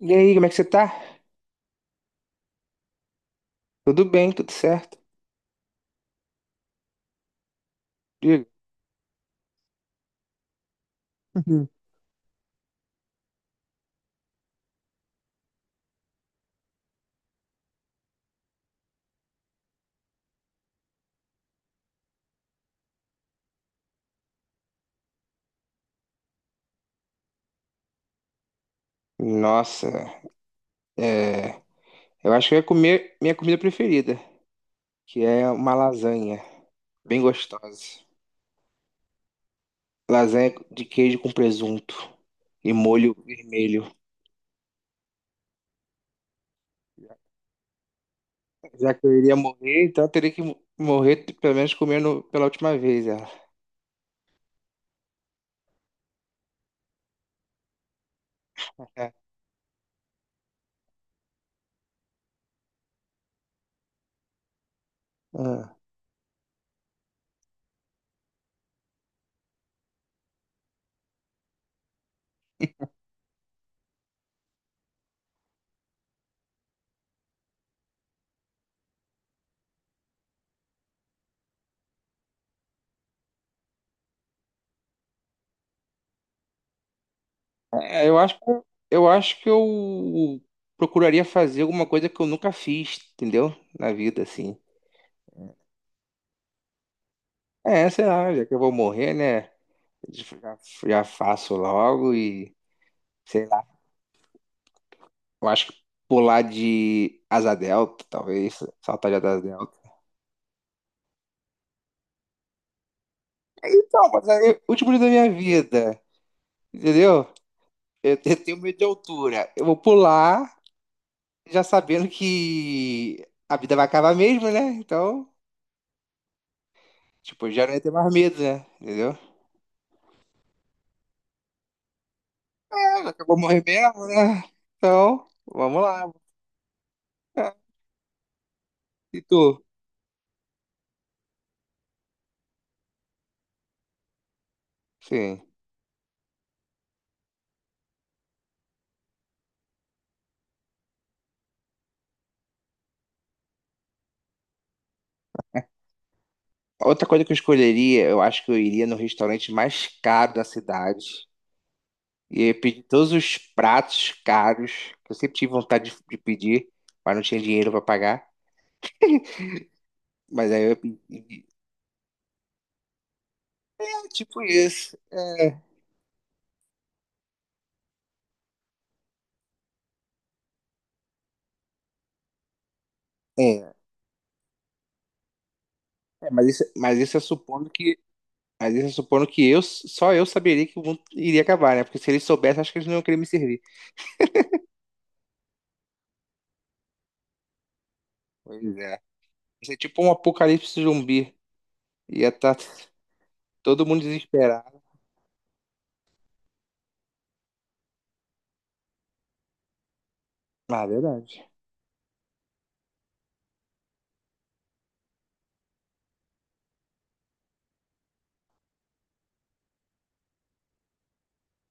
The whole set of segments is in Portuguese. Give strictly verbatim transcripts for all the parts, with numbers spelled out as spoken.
E aí, como é que você tá? Tudo bem, tudo certo? Diga. Nossa, é, eu acho que eu ia comer minha comida preferida, que é uma lasanha, bem gostosa. Lasanha de queijo com presunto e molho vermelho. Já que eu iria morrer, então eu teria que mo- morrer pelo menos comendo pela última vez ela. É. Ah. É, eu acho que, eu acho que eu procuraria fazer alguma coisa que eu nunca fiz, entendeu? Na vida, assim. É, sei lá, já que eu vou morrer, né? Já, já faço logo e, sei lá, eu acho que pular de asa delta, talvez, saltar de asa delta. Então, mas aí, o último dia da minha vida, entendeu? Eu, eu tenho medo de altura. Eu vou pular já sabendo que a vida vai acabar mesmo, né? Então, tipo, já não ia ter mais medo, né? Entendeu? É, já que eu vou morrer mesmo, né? Então, vamos lá. É. E tu? Sim. Outra coisa que eu escolheria, eu acho que eu iria no restaurante mais caro da cidade. E eu pedi todos os pratos caros, que eu sempre tive vontade de, de pedir, mas não tinha dinheiro para pagar. Mas aí eu pedi. É, tipo isso. É, é, é, mas isso, mas isso é supondo que. Mas isso é supondo que eu, só eu saberia que o mundo iria acabar, né? Porque se eles soubessem, acho que eles não iam querer me servir. Pois é. Isso é tipo um apocalipse zumbi. Ia estar todo mundo desesperado. Ah, é verdade.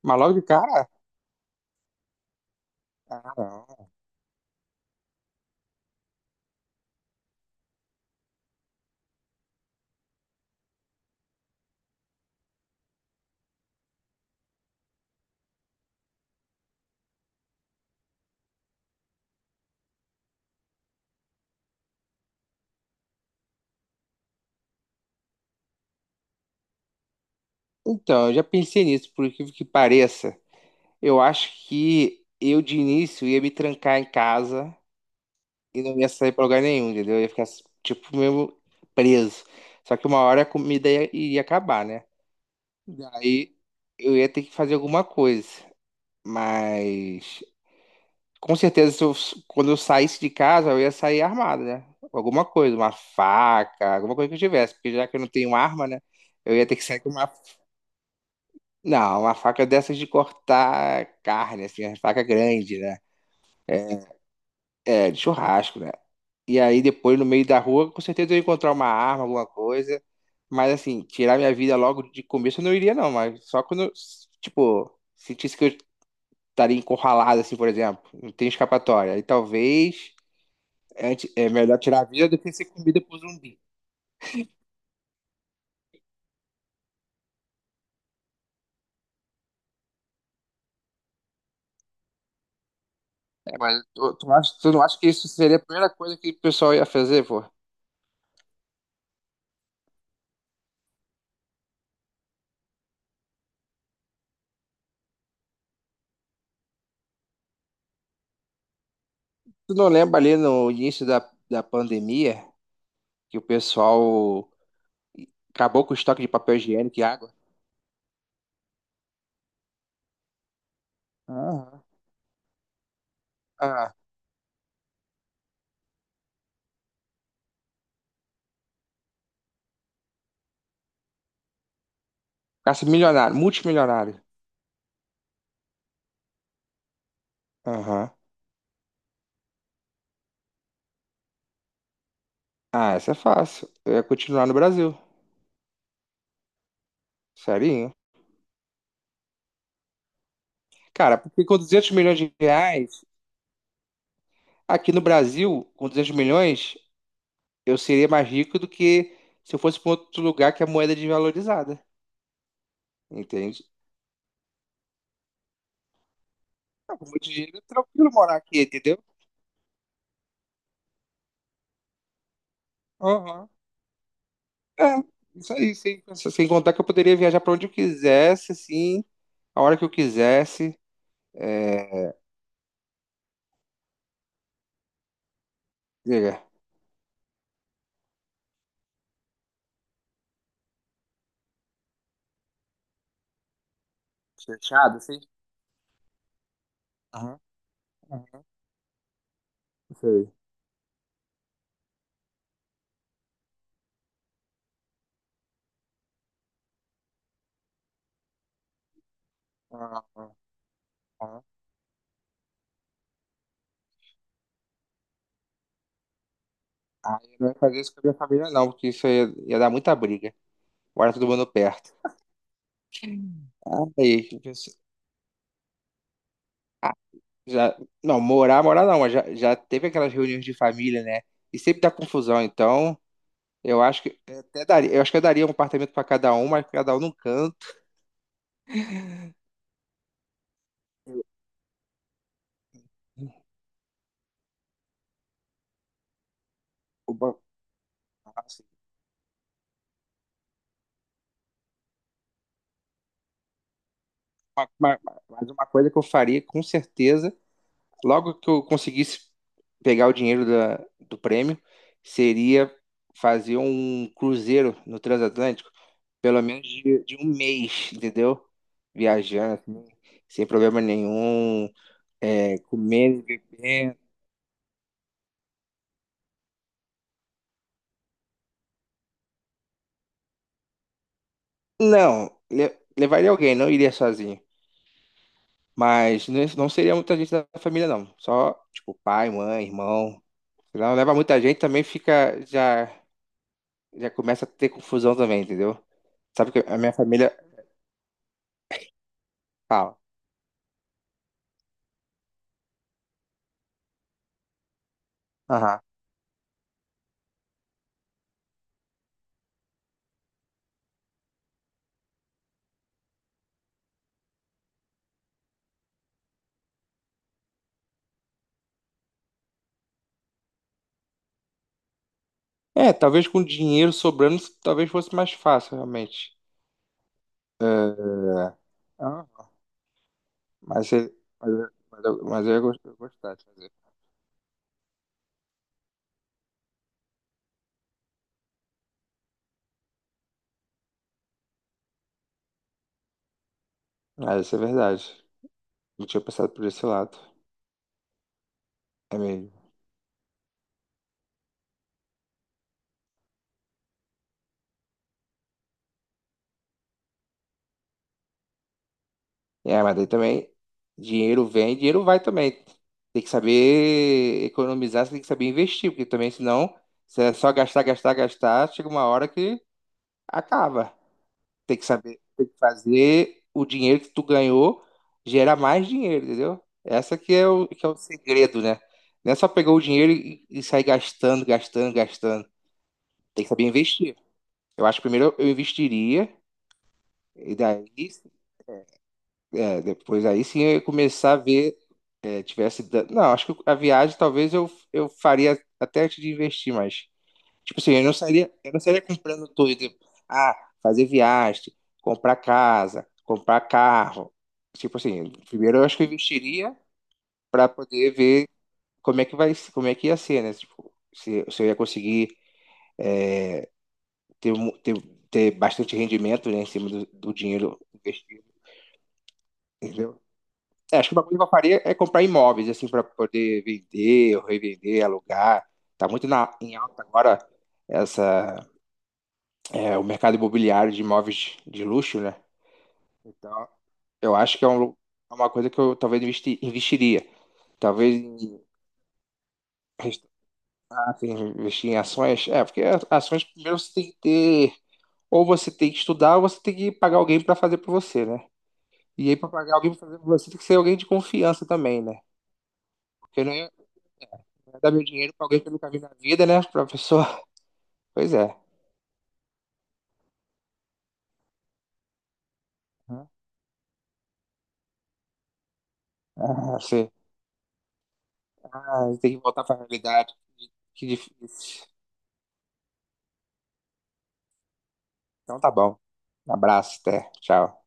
Mas logo de cara? Ah, não. Então, eu já pensei nisso, por incrível que pareça. Eu acho que eu de início ia me trancar em casa e não ia sair pra lugar nenhum, entendeu? Eu ia ficar tipo mesmo preso. Só que uma hora a comida ia, iria acabar, né? Daí eu ia ter que fazer alguma coisa. Mas com certeza se eu- quando eu saísse de casa, eu ia sair armado, né? Alguma coisa, uma faca, alguma coisa que eu tivesse, porque já que eu não tenho arma, né? Eu ia ter que sair com uma, não, uma faca dessas de cortar carne, assim, uma faca grande, né? É, de churrasco, né? E aí depois no meio da rua, com certeza eu ia encontrar uma arma, alguma coisa. Mas assim, tirar minha vida logo de começo eu não iria não, mas só quando eu, tipo, sentisse que eu estaria encurralado, assim, por exemplo, não tem escapatória. Aí talvez é anti- é melhor tirar a vida do que ser comida por zumbi. É, mas tu, tu, não acha, tu não acha que isso seria a primeira coisa que o pessoal ia fazer, pô? Tu não lembra ali no início da, da pandemia que o pessoal acabou com o estoque de papel higiênico e água? Aham. Ah, ficasse milionário, multimilionário. Aham. Ah, essa é fácil. Eu ia continuar no Brasil. Serinho. Cara, porque com duzentos milhões de reais, aqui no Brasil, com duzentos milhões, eu seria mais rico do que se eu fosse para outro lugar que a moeda é desvalorizada. Entende? Ah, com muito dinheiro, é tranquilo morar aqui, entendeu? Aham. É, isso aí. Sem, sem contar que eu poderia viajar para onde eu quisesse, assim, a hora que eu quisesse. É, diga. Fechado, assim? Aham, aham, isso aí. Aham, aham. Ah, eu não ia fazer isso com a minha família, não, porque isso ia, ia dar muita briga. Morar todo mundo perto. Ah, aí, ah, já, não, morar, morar, não, mas já, já teve aquelas reuniões de família, né? E sempre dá confusão, então eu acho que eu até daria, eu acho que eu daria um apartamento para cada um, mas cada um num canto. Eu. Uma, assim, uma- uma- mas uma coisa que eu faria, com certeza, logo que eu conseguisse pegar o dinheiro da, do prêmio, seria fazer um cruzeiro no transatlântico. Pelo menos de, de um mês, entendeu? Viajando, assim, sem problema nenhum, é, comendo, bebendo. Não, le- levaria alguém, não iria sozinho. Mas não não seria muita gente da família, não. Só, tipo, pai, mãe, irmão. Se não leva muita gente, também fica, já, já começa a ter confusão também, entendeu? Sabe que a minha família fala. Aham. É, talvez com dinheiro sobrando, talvez fosse mais fácil, realmente. É. Mas, você- mas, eu- mas, eu, mas eu ia gos- eu ia gostar de fazer. Ah, isso é verdade. Não tinha pensado por esse lado. É mesmo. É, mas daí também, dinheiro vem, dinheiro vai também. Tem que saber economizar, você tem que saber investir, porque também, senão, se é só gastar, gastar, gastar, chega uma hora que acaba. Tem que saber, tem que fazer o dinheiro que tu ganhou gerar mais dinheiro, entendeu? Essa que é o, que é o segredo, né? Não é só pegar o dinheiro e, e sair gastando, gastando, gastando. Tem que saber investir. Eu acho que primeiro eu investiria, e daí, é, depois aí sim eu ia começar a ver, é, tivesse... da- não, acho que a viagem talvez eu, eu faria até antes de investir, mas, tipo assim, eu não sairia, eu não sairia comprando tudo, tipo, ah, fazer viagem, comprar casa, comprar carro, tipo assim, primeiro eu acho que eu investiria para poder ver como é que vai, como é que ia ser, né, tipo, se, se eu ia conseguir ter, mu- ter, ter bastante rendimento, né, em cima do, do dinheiro investido, entendeu? É, acho que o bagulho que eu faria é comprar imóveis, assim, para poder vender ou revender, alugar. Tá muito na, em alta agora essa, é, o mercado imobiliário de imóveis de luxo, né? Então, eu acho que é um, é uma coisa que eu talvez investi- investiria. Talvez em restaurante, investir em ações. É, porque a- ações primeiro você tem que ter, ou você tem que estudar, ou você tem que pagar alguém para fazer para você, né? E aí, para pagar alguém para fazer para você, tem que ser alguém de confiança também, né? Porque não é, vai dar meu dinheiro pra alguém que eu nunca vi na vida, né, professor? Pois é. Ah, sim. Ah, tem que voltar pra realidade. Que difícil. Então tá bom. Um abraço, até. Tchau.